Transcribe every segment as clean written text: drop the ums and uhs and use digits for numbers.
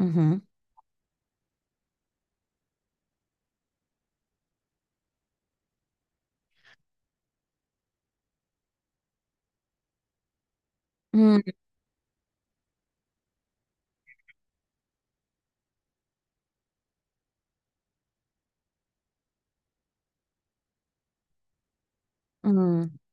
อือหืออืมอืม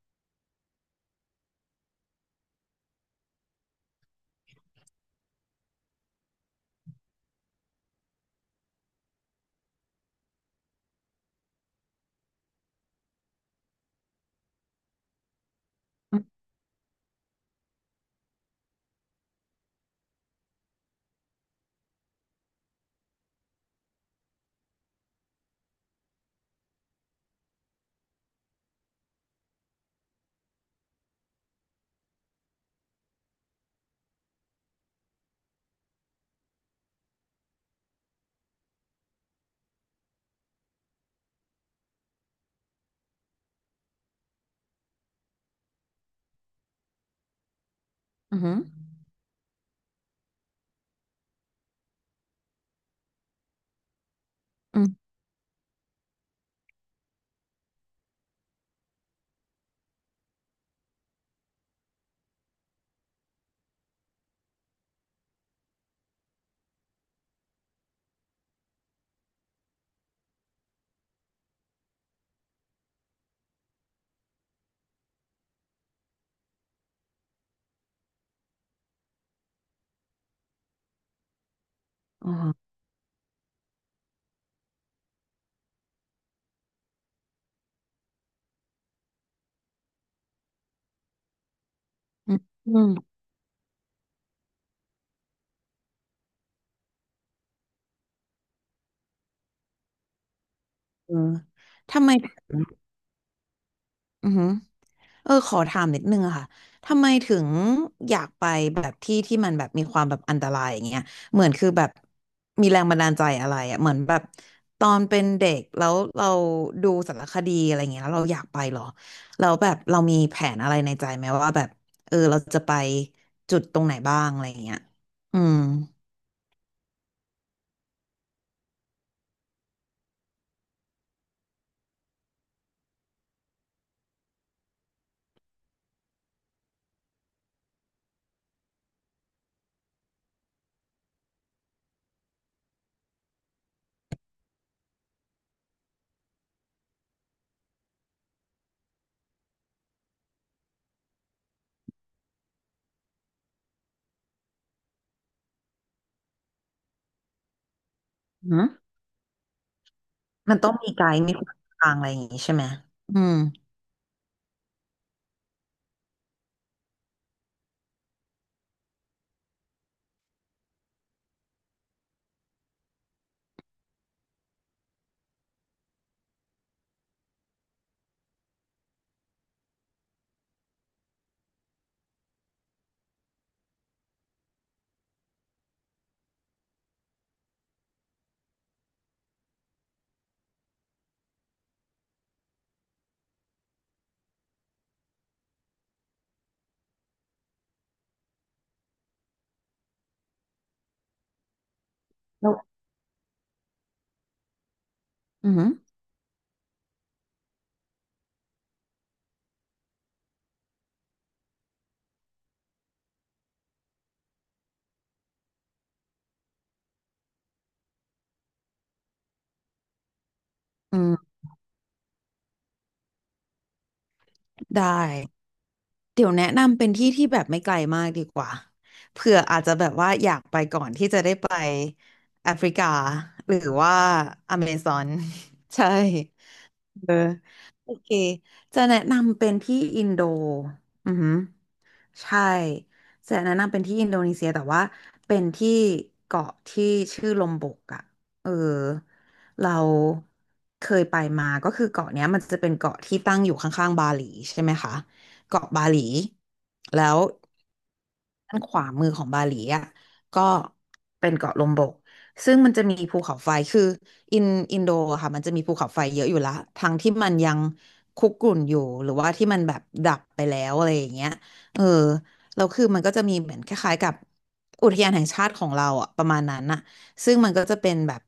อืมอือหืออืมอ๋ออืมอืมเออทำไมอือหือเออขอถามนิดนึงอะค่ะ ทำไมถึงอยากไปแบบที่ที่มันแบบมีความแบบอันตรายอย่างเงี้ยเหมือนคือแบบมีแรงบันดาลใจอะไรอะเหมือนแบบตอนเป็นเด็กแล้วเราดูสารคดีอะไรเงี้ยแล้วเราอยากไปเหรอแล้วแบบเรามีแผนอะไรในใจไหมว่าแบบเออเราจะไปจุดตรงไหนบ้างอะไรเงี้ยอืม มันต้องมีไกด์มีคนนำทางอะไรอย่างงี้ใช่ไหมอืมแล้วอืมอืม ได้ เดี๋ยวแนะนำเป็นที่ที่แบบไม่ไกลมากดีกว่าเผื่ออาจจะแบบว่าอยากไปก่อนที่จะได้ไปแอฟริกาหรือว่าอเมซอน ใช่ เออโอเคจะแนะนำเป็นที่อินโดอือหือใช่จะแนะนำเป็นที่อินโดนีเซียแต่ว่าเป็นที่เกาะที่ชื่อลมบกอ่ะเออเราเคยไปมาก็คือเกาะเนี้ยมันจะเป็นเกาะที่ตั้งอยู่ข้างๆบาหลีใช่ไหมคะเกาะบาหลีแล้วด้านขวามือของบาหลีอ่ะก็เป็นเกาะลมบกซึ่งมันจะมีภูเขาไฟคือ อินอินโดอะค่ะมันจะมีภูเขาไฟเยอะอยู่ละทั้งที่มันยังคุกรุ่นอยู่หรือว่าที่มันแบบดับไปแล้วอะไรอย่างเงี้ยเออแล้วคือมันก็จะมีเหมือนคล้ายๆกับอุทยานแห่งชาติของเราอะประมาณนั้นอะซึ่งมันก็จะเป็นแบบ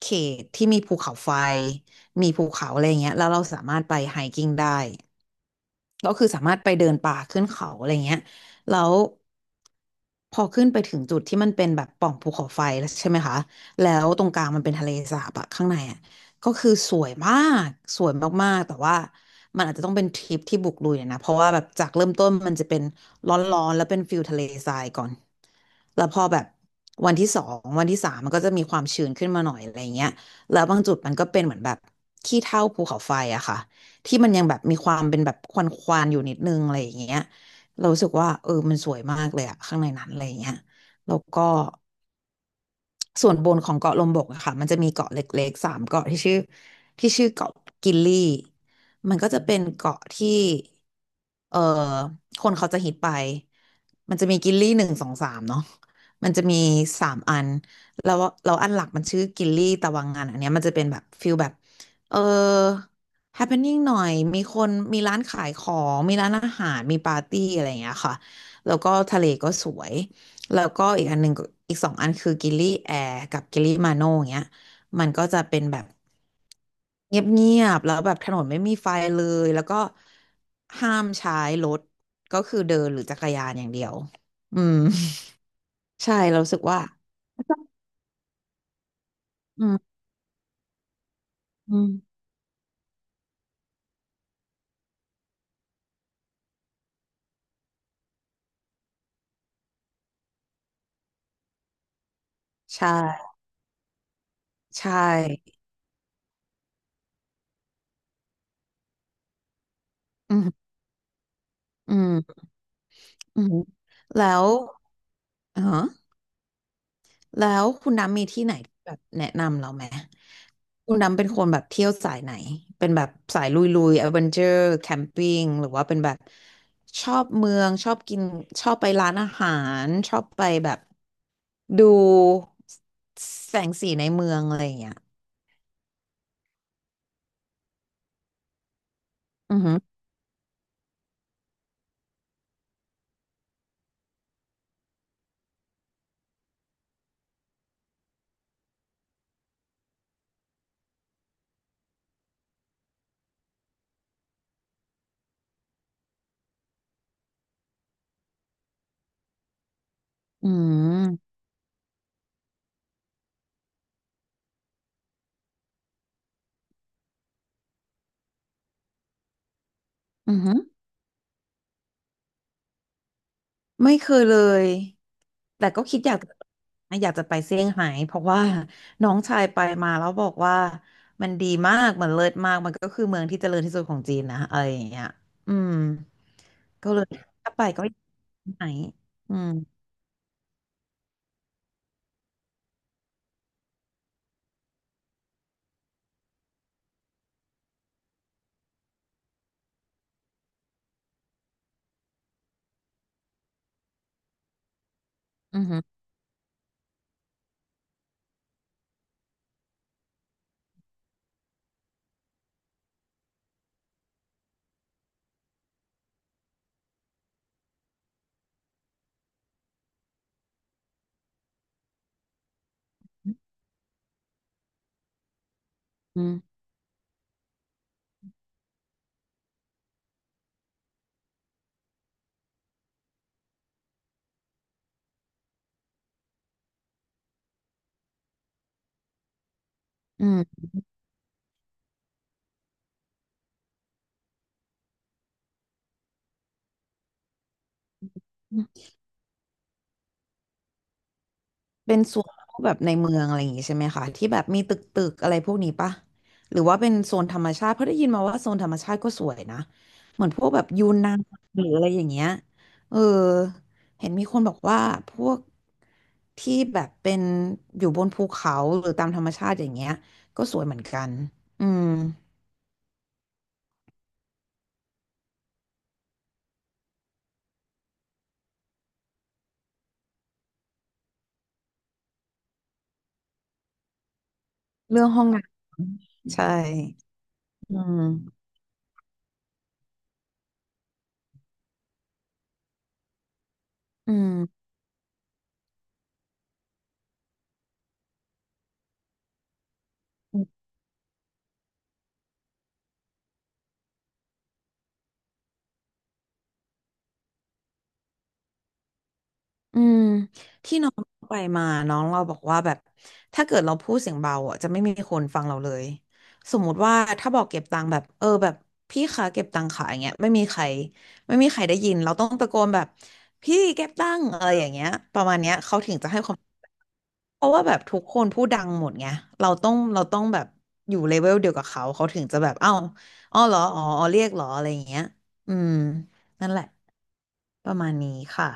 เขตที่มีภูเขาไฟมีภูเขาอะไรอย่างเงี้ยแล้วเราสามารถไปไฮกิ้งได้ ก็คือสามารถไปเดินป่าขึ้นเขาอะไรเงี้ยแล้วพอขึ้นไปถึงจุดที่มันเป็นแบบปล่องภูเขาไฟแล้วใช่ไหมคะแล้วตรงกลางมันเป็นทะเลสาบอะข้างในอะก็คือกสวยมากๆแต่ว่ามันอาจจะต้องเป็นทริปที่บุกลุยหน่อยนะเพราะว่าแบบจากเริ่มต้นมันจะเป็นร้อนๆแล้วเป็นฟิลทะเลทรายก่อนแล้วพอแบบวันที่สองวันที่สามมันก็จะมีความชื้นขึ้นมาหน่อยอะไรเงี้ยแล้วบางจุดมันก็เป็นเหมือนแบบขี้เถ้าภูเขาไฟอะค่ะ ที่มันยังแบบมีความเป็นแบบควันควันอยู่นิดนึงอะไรอย่างเงี้ยเรารู้สึกว่าเออมันสวยมากเลยอะข้างในนั้นอะไรอย่างเงี้ยแล้วก็ ส่วนบนของเกาะลมบกอะค่ะมันจะมีเกาะเล็กๆสามเกาะที่ชื่อเกาะกิลลี่มันก็จะเป็นเกาะที่เอ่อคนเขาจะฮิตไปมันจะมีกิลลี่หนึ่งสองสามเนาะมันจะมีสามอันแล้วแล้วอันหลักมันชื่อกิลลี่ตะวังงานอันเนี้ยมันจะเป็นแบบฟิลแบบเออ happening หน่อยมีคนมีร้านขายของมีร้านอาหารมีปาร์ตี้อะไรอย่างเงี้ยค่ะแล้วก็ทะเลก็สวย แล้วก็อีกอันหนึ่งก็อีกสองอันคือกิลลี่แอร์กับกิลลี่มาโน่อย่างเงี้ยมันก็จะเป็นแบบเงียบๆแล้วแบบถนนไม่มีไฟเลยแล้วก็ห้ามใช้รถก็คือเดินหรือจักรยานอย่างเดียวอืม ใช่เรารู้สึกว่าอืมอืมใช่ใช่อืมอืมอืมแล้วอ๋อ แล้วคุณน้ำมีที่ไหนที่แบบแนะนำเราไหมคุณน้ำเป็นคนแบบเที่ยวสายไหน เป็นแบบสายลุยลุยแอดเวนเจอร์แคมปิ้งหรือว่าเป็นแบบชอบเมืองชอบกินชอบไปร้านอาหารชอบไปแบบดูแสงสีในเมืองอะไรอย่างเงี้ยอือหืออืมอืม ไม่เคยเลย แต่ก็คิดอยากจะไปเซี่ยงไฮ้เพราะว่าน้องชายไปมาแล้วบอกว่ามันดีมาก มันเลิศมาก มันก็คือเมืองที่เจริญที่สุดของจีนนะอะไรอย่างเงี้ยอืม ก็เลยถ้าไปก็อยากไปไหนอืมอืมอหืออืมอืม เป็นโซนพวกแบบในเมืองอะไรอย่างงี้ใช่ไหมคะที่แบบมีตึกตึกอะไรพวกนี้ปะหรือว่าเป็นโซนธรรมชาติเพราะได้ยินมาว่าโซนธรรมชาติก็สวยนะเหมือนพวกแบบยูนนานหรืออะไรอย่างเงี้ยเออเห็นมีคนบอกว่าพวกที่แบบเป็นอยู่บนภูเขาหรือตามธรรมชาติอย่างเงี้ยก็สวยเหมือนกันอืมเรื่องห้องน้ำใช่อืมอืม อืมที่น้องไปมาน้องเราบอกว่าแบบถ้าเกิดเราพูดเสียงเบาอ่ะจะไม่มีคนฟังเราเลยสมมุติว่าถ้าบอกเก็บตังค์แบบเออแบบพี่คะเก็บตังค์ค่ะอย่างเงี้ยไม่มีใครได้ยินเราต้องตะโกนแบบพี่เก็บตังค์อะไรอย่างเงี้ยประมาณเนี้ยเขาถึงจะให้ความเพราะว่าแบบทุกคนพูดดังหมดไงเราต้องแบบอยู่เลเวลเดียวกับเขาเขาถึงจะแบบเอ้าอ้อเหรออ๋ออ๋อเรียกเหรออะไรอย่างเงี้ยอืมนั่นแหละประมาณนี้ค่ะ